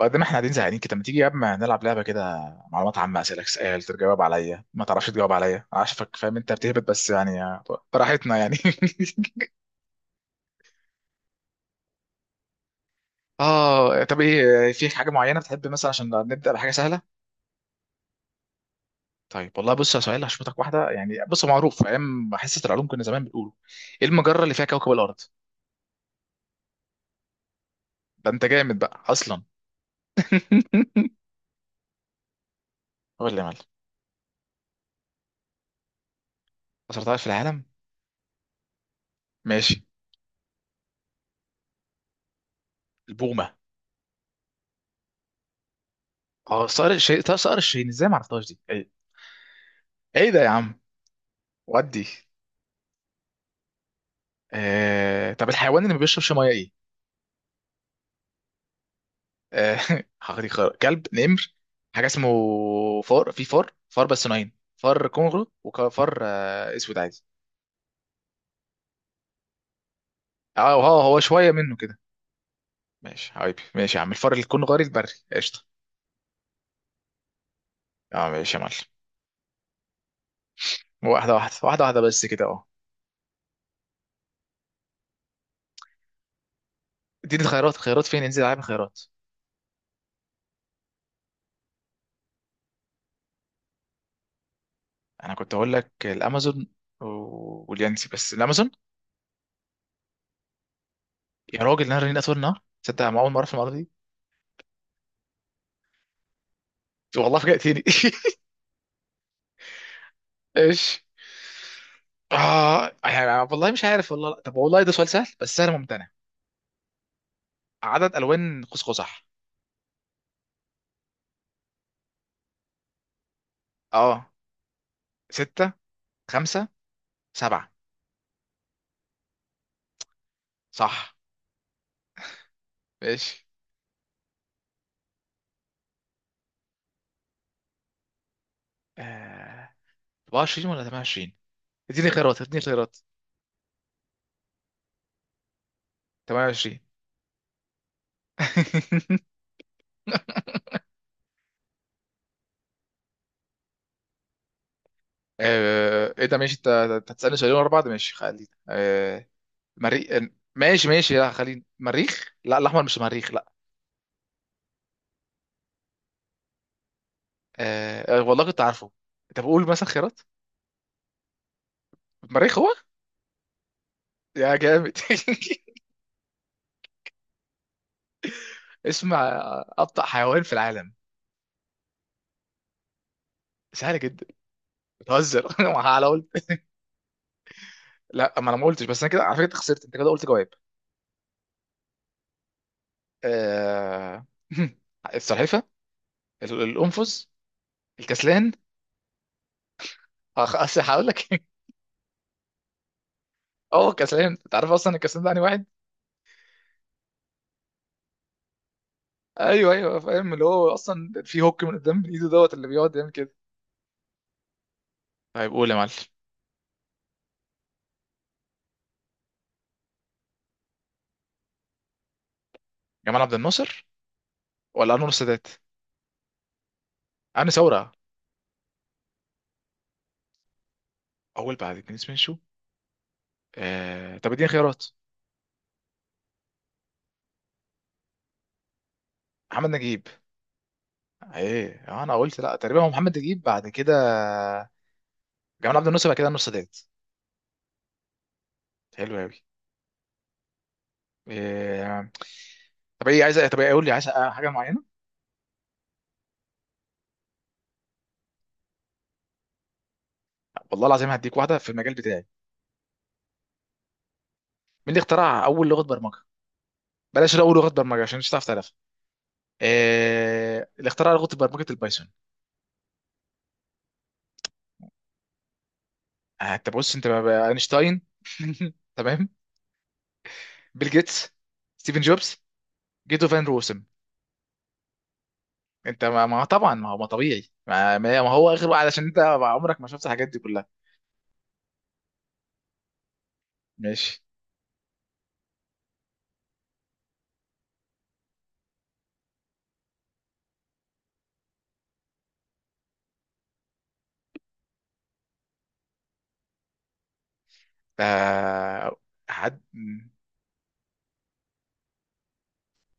بعد ما احنا قاعدين زهقانين كده، ما تيجي يا اما نلعب لعبه كده؟ معلومات عامه، اسالك سؤال تجاوب عليا، ما تعرفش تجاوب عليا. عارفك فاهم انت بتهبط، بس براحتنا اه، طب ايه؟ في حاجه معينه بتحب مثلا عشان نبدا بحاجه سهله؟ طيب، والله بص، يا سؤال هشوفك واحده. بص، هو معروف. في ايام حصه العلوم كنا زمان بنقوله، ايه المجره اللي فيها كوكب الارض؟ ده انت جامد بقى اصلا. قول لي يا معلم. أسرع طائر في العالم؟ ماشي. البومة. اه، صقر الشاهين. طب صقر الشاهين ازاي ما عرفتهاش دي؟ ايه؟ ايه ده يا عم؟ ودي. طب الحيوان اللي ما بيشربش ميه ايه؟ آه... حقيقي كلب، نمر، حاجه اسمه. فار. في فار، فار، بس نوعين: فار كونغرو وفار اسود عادي. اه، هو هو شويه منه كده. ماشي حبيبي، ماشي يا عم. الفار الكونغري البري، قشطه. اه ماشي يا معلم. واحده واحده واحده واحده بس كده، اه. اديني الخيارات، الخيارات فين؟ انزل العب الخيارات. انا كنت اقول لك الامازون واليانسي، بس الامازون. يا راجل، نهر النيل اطول نهر؟ تصدق انا اول مره اعرف المعلومه دي. والله فاجأتني. ايش؟ اه والله مش عارف، والله لا. طب والله ده سؤال سهل، بس سهل ممتنع. عدد الوان قوس قزح؟ اه، ستة، خمسة، سبعة. صح. ماشي. آه، 24 ولا 28؟ اديني خيارات، اديني خيارات. 28. آه، ايه ده ماشي؟ انت أنت هتسألني سؤالين ورا بعض؟ ماشي خلينا. آه، مريخ. آه، ماشي ماشي، لا خلينا، مريخ، لا، الاحمر، مش مريخ؟ لا. آه آه، والله كنت عارفه. طب قول مثلا خيارات. مريخ هو. يا جامد. اسم ابطأ حيوان في العالم. سهله جدا. بتهزر. ما انا قلت لا، ما انا ما قلتش، بس انا كده على فكره أنت خسرت، انت كده قلت جواب. آه... السلحفه. القنفذ. الكسلان. اصل هقول لك. اه، كسلان. انت عارف اصلا الكسلان ده واحد. ايوه ايوه فاهم، اللي هو اصلا في هوك من قدام ايده دوت، اللي بيقعد يعمل كده. طيب قول يا معلم. جمال عبد الناصر ولا انور السادات؟ انا ثوره، اول بعد اتنين سمين شو. طب اديني خيارات. محمد نجيب. ايه آه، انا قلت لا، تقريبا هو محمد نجيب، بعد كده جمال عبد الناصر، بعد كده النص ديت. حلو قوي. إيه... طب ايه عايز، طب ايه؟ قول لي عايز حاجه معينه. والله العظيم هديك واحده في المجال بتاعي. مين اللي اخترع اول لغه برمجه؟ بلاش اقول لغه برمجه عشان مش هتعرف تعرفها. اللي اخترع لغه برمجه البايثون. آه، انت بص، اينشتاين. تمام. بيل جيتس. ستيفن جوبز. جيتو فان روسم. انت طبعا ما هو ما طبيعي، ما هو اخر واحد عشان انت عمرك ما شفت الحاجات دي كلها. ماشي. آه، حد.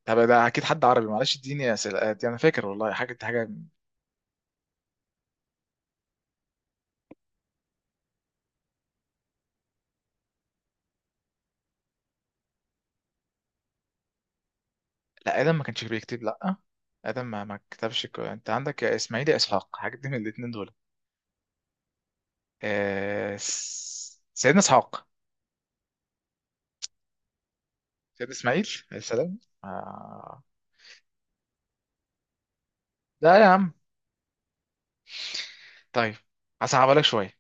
طب ده اكيد حد عربي، معلش اديني اسئله. آه، دي انا فاكر والله حاجه دي حاجه. لا ادم ما كانش بيكتب، لا، ادم ما كتبش. انت عندك يا اسماعيل يا اسحاق حاجه دي، من الاثنين دول. آه سيدنا اسحاق. سيدنا اسماعيل عليه السلام. آه. لا يا عم. طيب هصعبها لك شويه.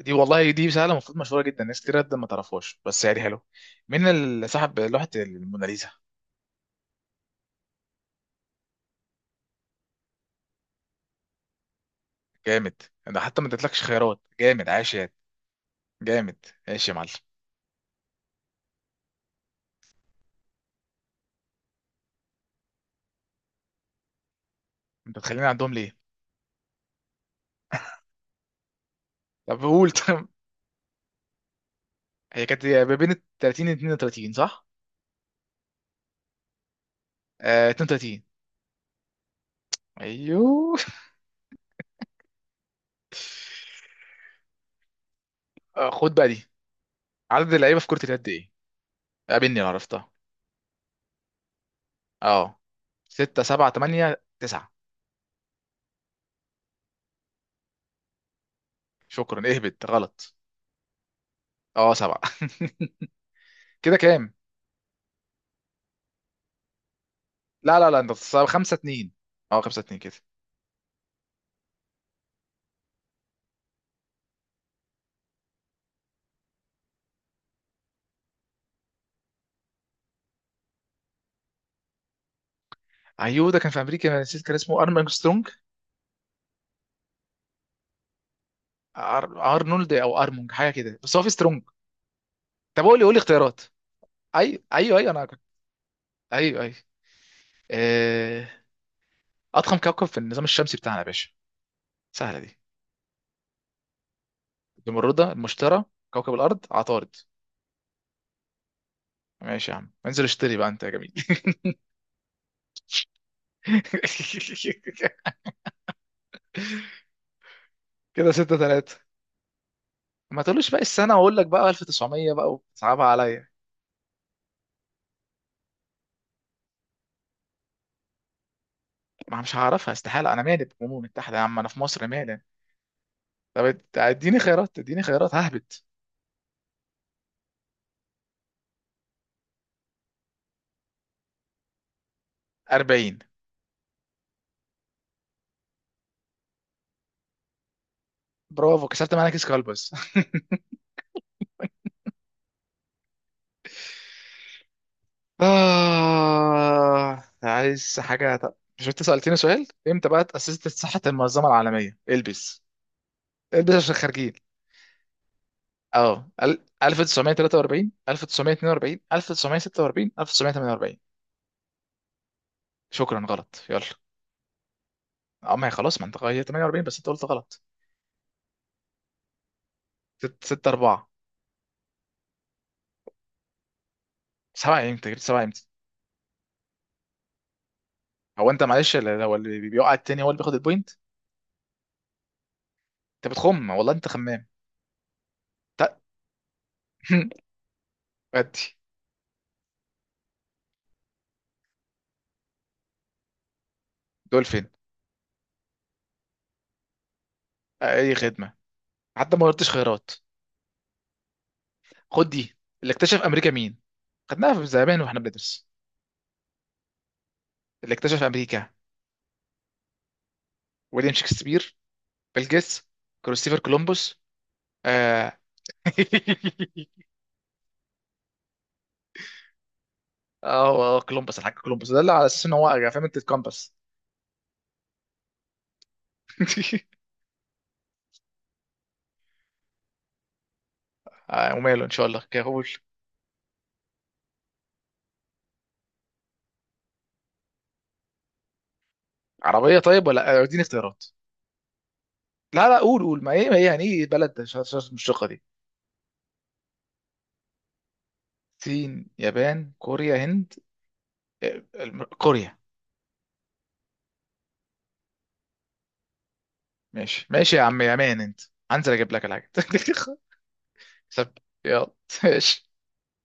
دي والله دي سهله، المفروض مشهوره جدا، ناس كتير جدا ما تعرفهاش، بس حلو. مين اللي صاحب لوحه الموناليزا؟ جامد. ده حتى ما ادتلكش خيارات. جامد، عاش يا جامد. ماشي يا معلم. انت بتخليني عندهم ليه؟ طب قول. طب هي كانت ما بين 30 و 32، صح؟ آه، 32. ايوه. آه، خد بقى دي. عدد اللعيبه في كره اليد ايه؟ قابلني لو عرفتها. اه، 6، 7، 8، 9. شكرا، اهبط غلط. اه 7. كده كام؟ لا لا لا، انت، 5 2. اه 5 2 كده. ايوه ده كان في امريكا. أنا نسيت، كان اسمه ارمنج سترونج. أر... ارنولد او ارمونج، حاجه كده، بس هو في سترونج. طب قول لي، قول لي اختيارات. ايوه ايوه ايوه انا كنت، ايوه ايوه. آه، اضخم كوكب في النظام الشمسي بتاعنا يا باشا. سهله دي. المشتري، المشتري، كوكب الارض، عطارد. ماشي يا عم، انزل اشتري بقى انت يا جميل. كده ستة تلاتة. ما تقولوش بقى السنة وأقول لك بقى 1900 بقى وتصعبها عليا. ما مش هعرفها استحالة، أنا مالي بالأمم المتحدة؟ يا عم أنا في مصر، مالي. طب اديني خيارات، اديني خيارات، ههبط. 40. برافو، كسرت معانا كيس كلبس. آه عايز حاجة؟ طب مش انت سألتني سؤال؟ امتى بقى اتأسست صحة المنظمة العالمية؟ البس، البس عشان خارجين. اه 1943، 1942، 1946، 1948. شكرا غلط. يلا. اما هي خلاص، ما انت غيرت 48، بس انت قلت غلط. 6 4. 7؟ امتى جبت 7 امتى؟ هو انت معلش هو اللي بيقع التاني هو اللي بياخد البوينت. انت بتخم والله، انت خمام. ت- ادي. دول فين؟ آه، اي خدمة. حتى ما قلتش خيرات. خد دي. اللي اكتشف امريكا مين؟ خدناها في زمان واحنا بندرس. اللي اكتشف امريكا. ويليام شكسبير، بيل جيتس، كريستوفر كولومبوس. اه. اه آه، كولومبوس، الحاج كولومبوس ده، اللي على اساس ان هو فاهم، انت الكومباس. آه وماله، ان شاء الله كهول. عربيه طيب، ولا آه، اديني اختيارات. لا لا، قول قول، ما ايه، ما ايه ايه بلد، مشتقه دي. الصين، يابان، كوريا، هند. آه، كوريا. ماشي ماشي يا عم، يا مان انت. هنزل اجيب لك الحاجه. طب، يلا، ماشي.